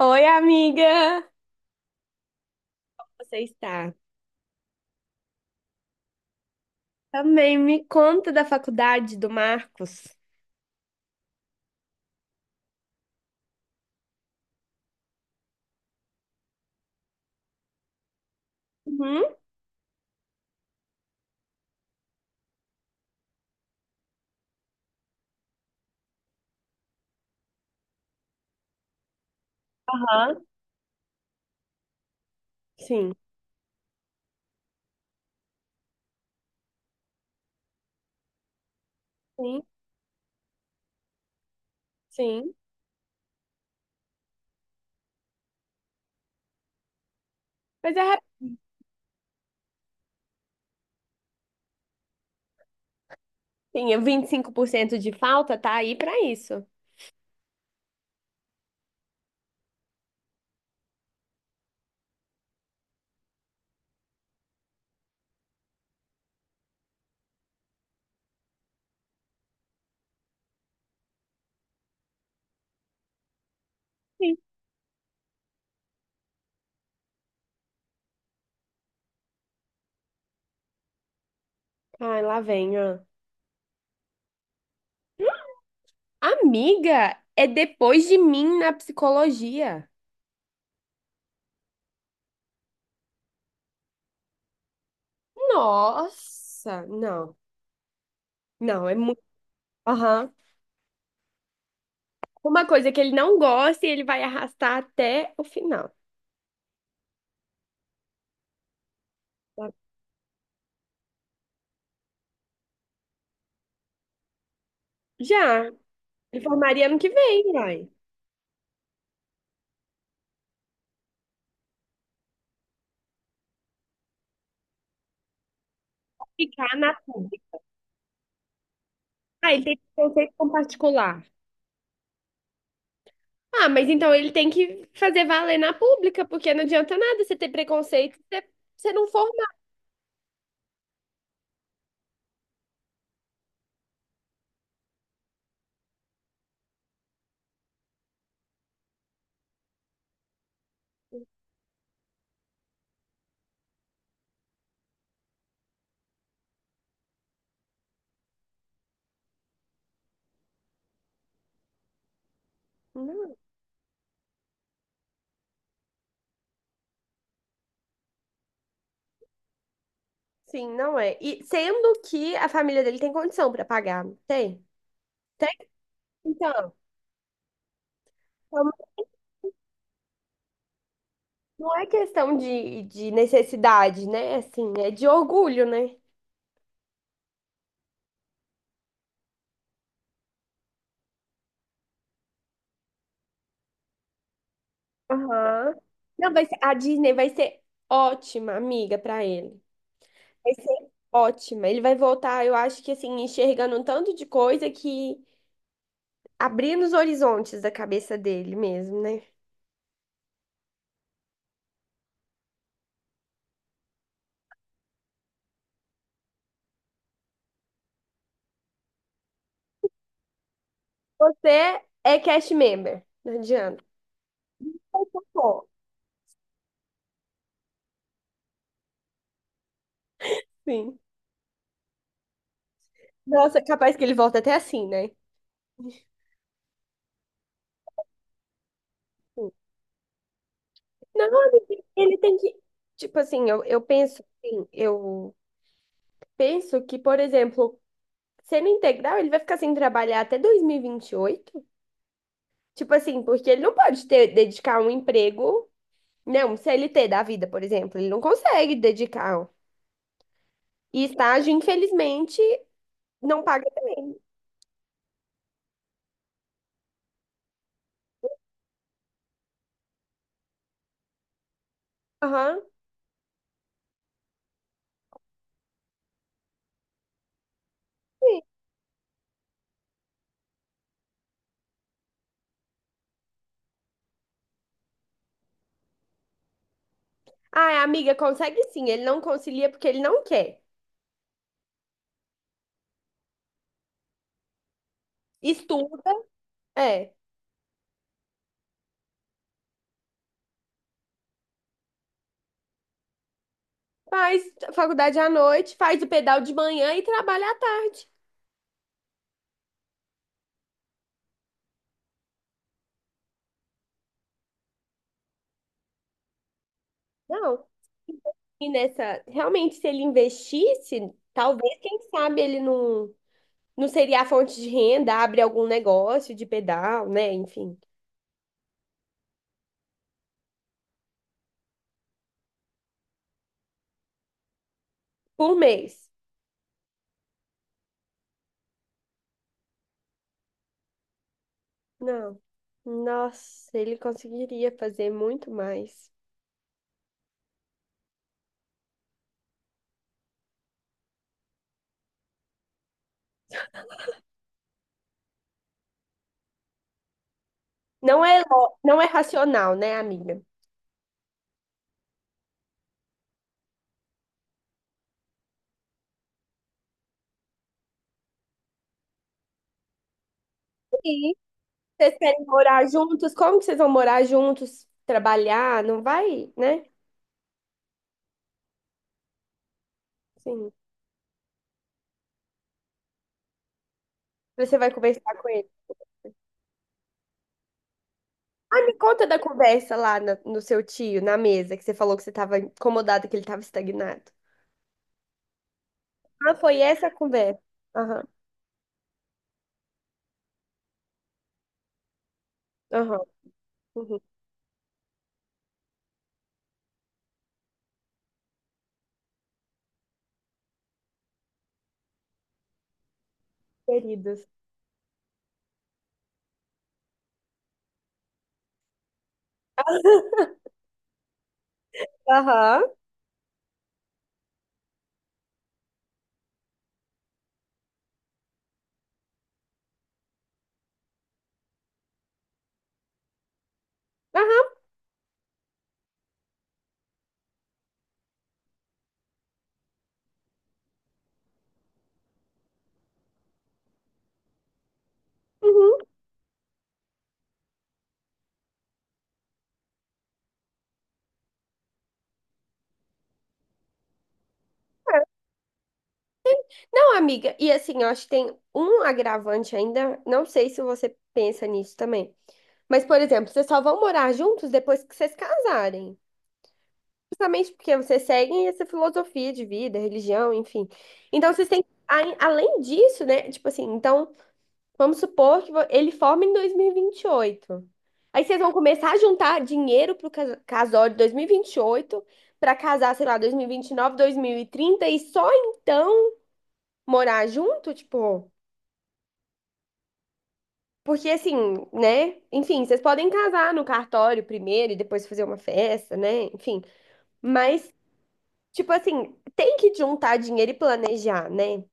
Oi, amiga! Você está? Também me conta da faculdade do Marcos. Uhum. Aham. Sim. Sim, sim. Mas é rapidinho, 25% de falta tá aí pra isso. Sim. Ai, lá vem, ó. Amiga, é depois de mim na psicologia. Nossa, não. Não, é muito. Aham. Uma coisa que ele não gosta e ele vai arrastar até o final. Já. Ele formaria ano que vem, vai. Ficar na. Ah, ele tem que ter um conceito com particular. Ah, mas então ele tem que fazer valer na pública, porque não adianta nada você ter preconceito se você não formar. Não. Sim, não é. E sendo que a família dele tem condição para pagar, não tem? Tem? Então, então, não é questão de necessidade, né? Assim, é de orgulho, né? Aham. Não, vai ser, a Disney vai ser ótima amiga para ele. Vai ser ótima. Ele vai voltar, eu acho que assim, enxergando um tanto de coisa que abrindo os horizontes da cabeça dele mesmo, né? Você é cast member, não adianta. Pô. Sim. Nossa, capaz que ele volta até assim, né? Não, amiga, ele tem que. Tipo assim, eu penso assim, eu penso que, por exemplo, sendo integral, ele vai ficar sem trabalhar até 2028. Tipo assim, porque ele não pode ter, dedicar um emprego, né? Um CLT da vida, por exemplo. Ele não consegue dedicar. E estágio, infelizmente, não paga. Aham. Sim. Ah, amiga, consegue sim. Ele não concilia porque ele não quer. Estuda, é. Faz faculdade à noite, faz o pedal de manhã e trabalha à tarde. Não. E nessa, realmente, se ele investisse, talvez, quem sabe, ele não, não seria a fonte de renda, abre algum negócio de pedal, né? Enfim, por mês. Não. Nossa, ele conseguiria fazer muito mais. Não é, lo- não é racional, né, amiga? Sim. Vocês querem morar juntos? Como que vocês vão morar juntos? Trabalhar? Não vai, né? Sim. Você vai conversar com ele. Ai, me conta da conversa lá na- no seu tio, na mesa, que você falou que você estava incomodada, que ele estava estagnado. Ah, foi essa a conversa. Aham, aham, uhum, queridos. Aham, aham, uhum. É. Não, amiga, e assim, eu acho que tem um agravante ainda, não sei se você pensa nisso também. Mas, por exemplo, vocês só vão morar juntos depois que vocês casarem. Justamente porque vocês seguem essa filosofia de vida, religião, enfim. Então, vocês têm, a- além disso, né? Tipo assim, então. Vamos supor que vo- ele forma em 2028. Aí vocês vão começar a juntar dinheiro pro cas- casório de 2028 para casar, sei lá, 2029, 2030 e só então morar junto, tipo, porque assim, né? Enfim, vocês podem casar no cartório primeiro e depois fazer uma festa, né? Enfim, mas tipo assim, tem que juntar dinheiro e planejar, né?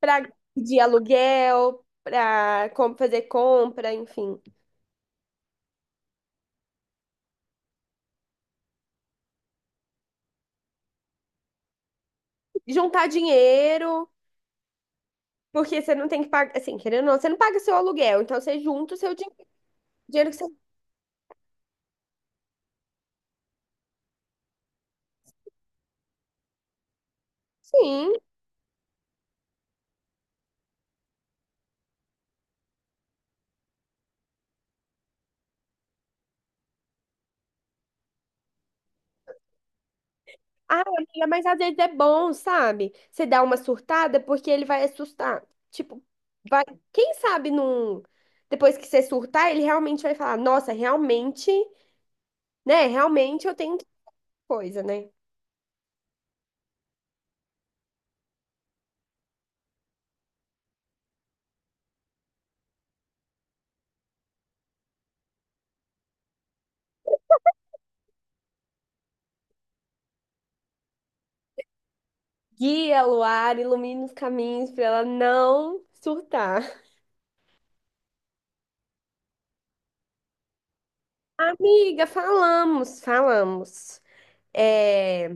Para de aluguel, para fazer compra, enfim, juntar dinheiro. Porque você não tem que pagar, assim, querendo ou não, você não paga seu aluguel, então você junta o seu din- dinheiro que você. Sim. Ah, amiga, mas às vezes é bom, sabe? Você dá uma surtada porque ele vai assustar. Tipo, vai... quem sabe num. Depois que você surtar, ele realmente vai falar: Nossa, realmente, né? Realmente eu tenho que coisa, né? Guia Luar, ilumina os caminhos pra ela não surtar. Amiga, falamos, falamos. É.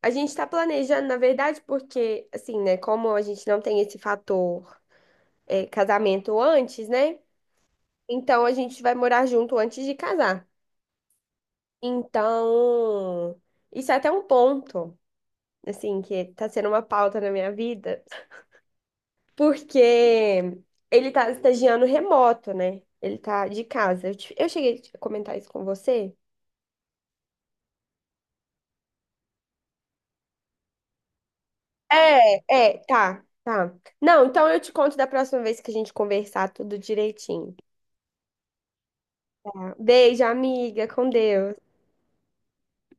A gente está planejando, na verdade, porque, assim, né, como a gente não tem esse fator, é, casamento antes, né? Então a gente vai morar junto antes de casar. Então, isso é até um ponto, assim, que tá sendo uma pauta na minha vida, porque ele tá estagiando remoto, né? Ele tá de casa. Eu, te- eu cheguei a comentar isso com você. É, é, tá, tá. Não, então eu te conto da próxima vez que a gente conversar tudo direitinho. Beijo, amiga. Com Deus.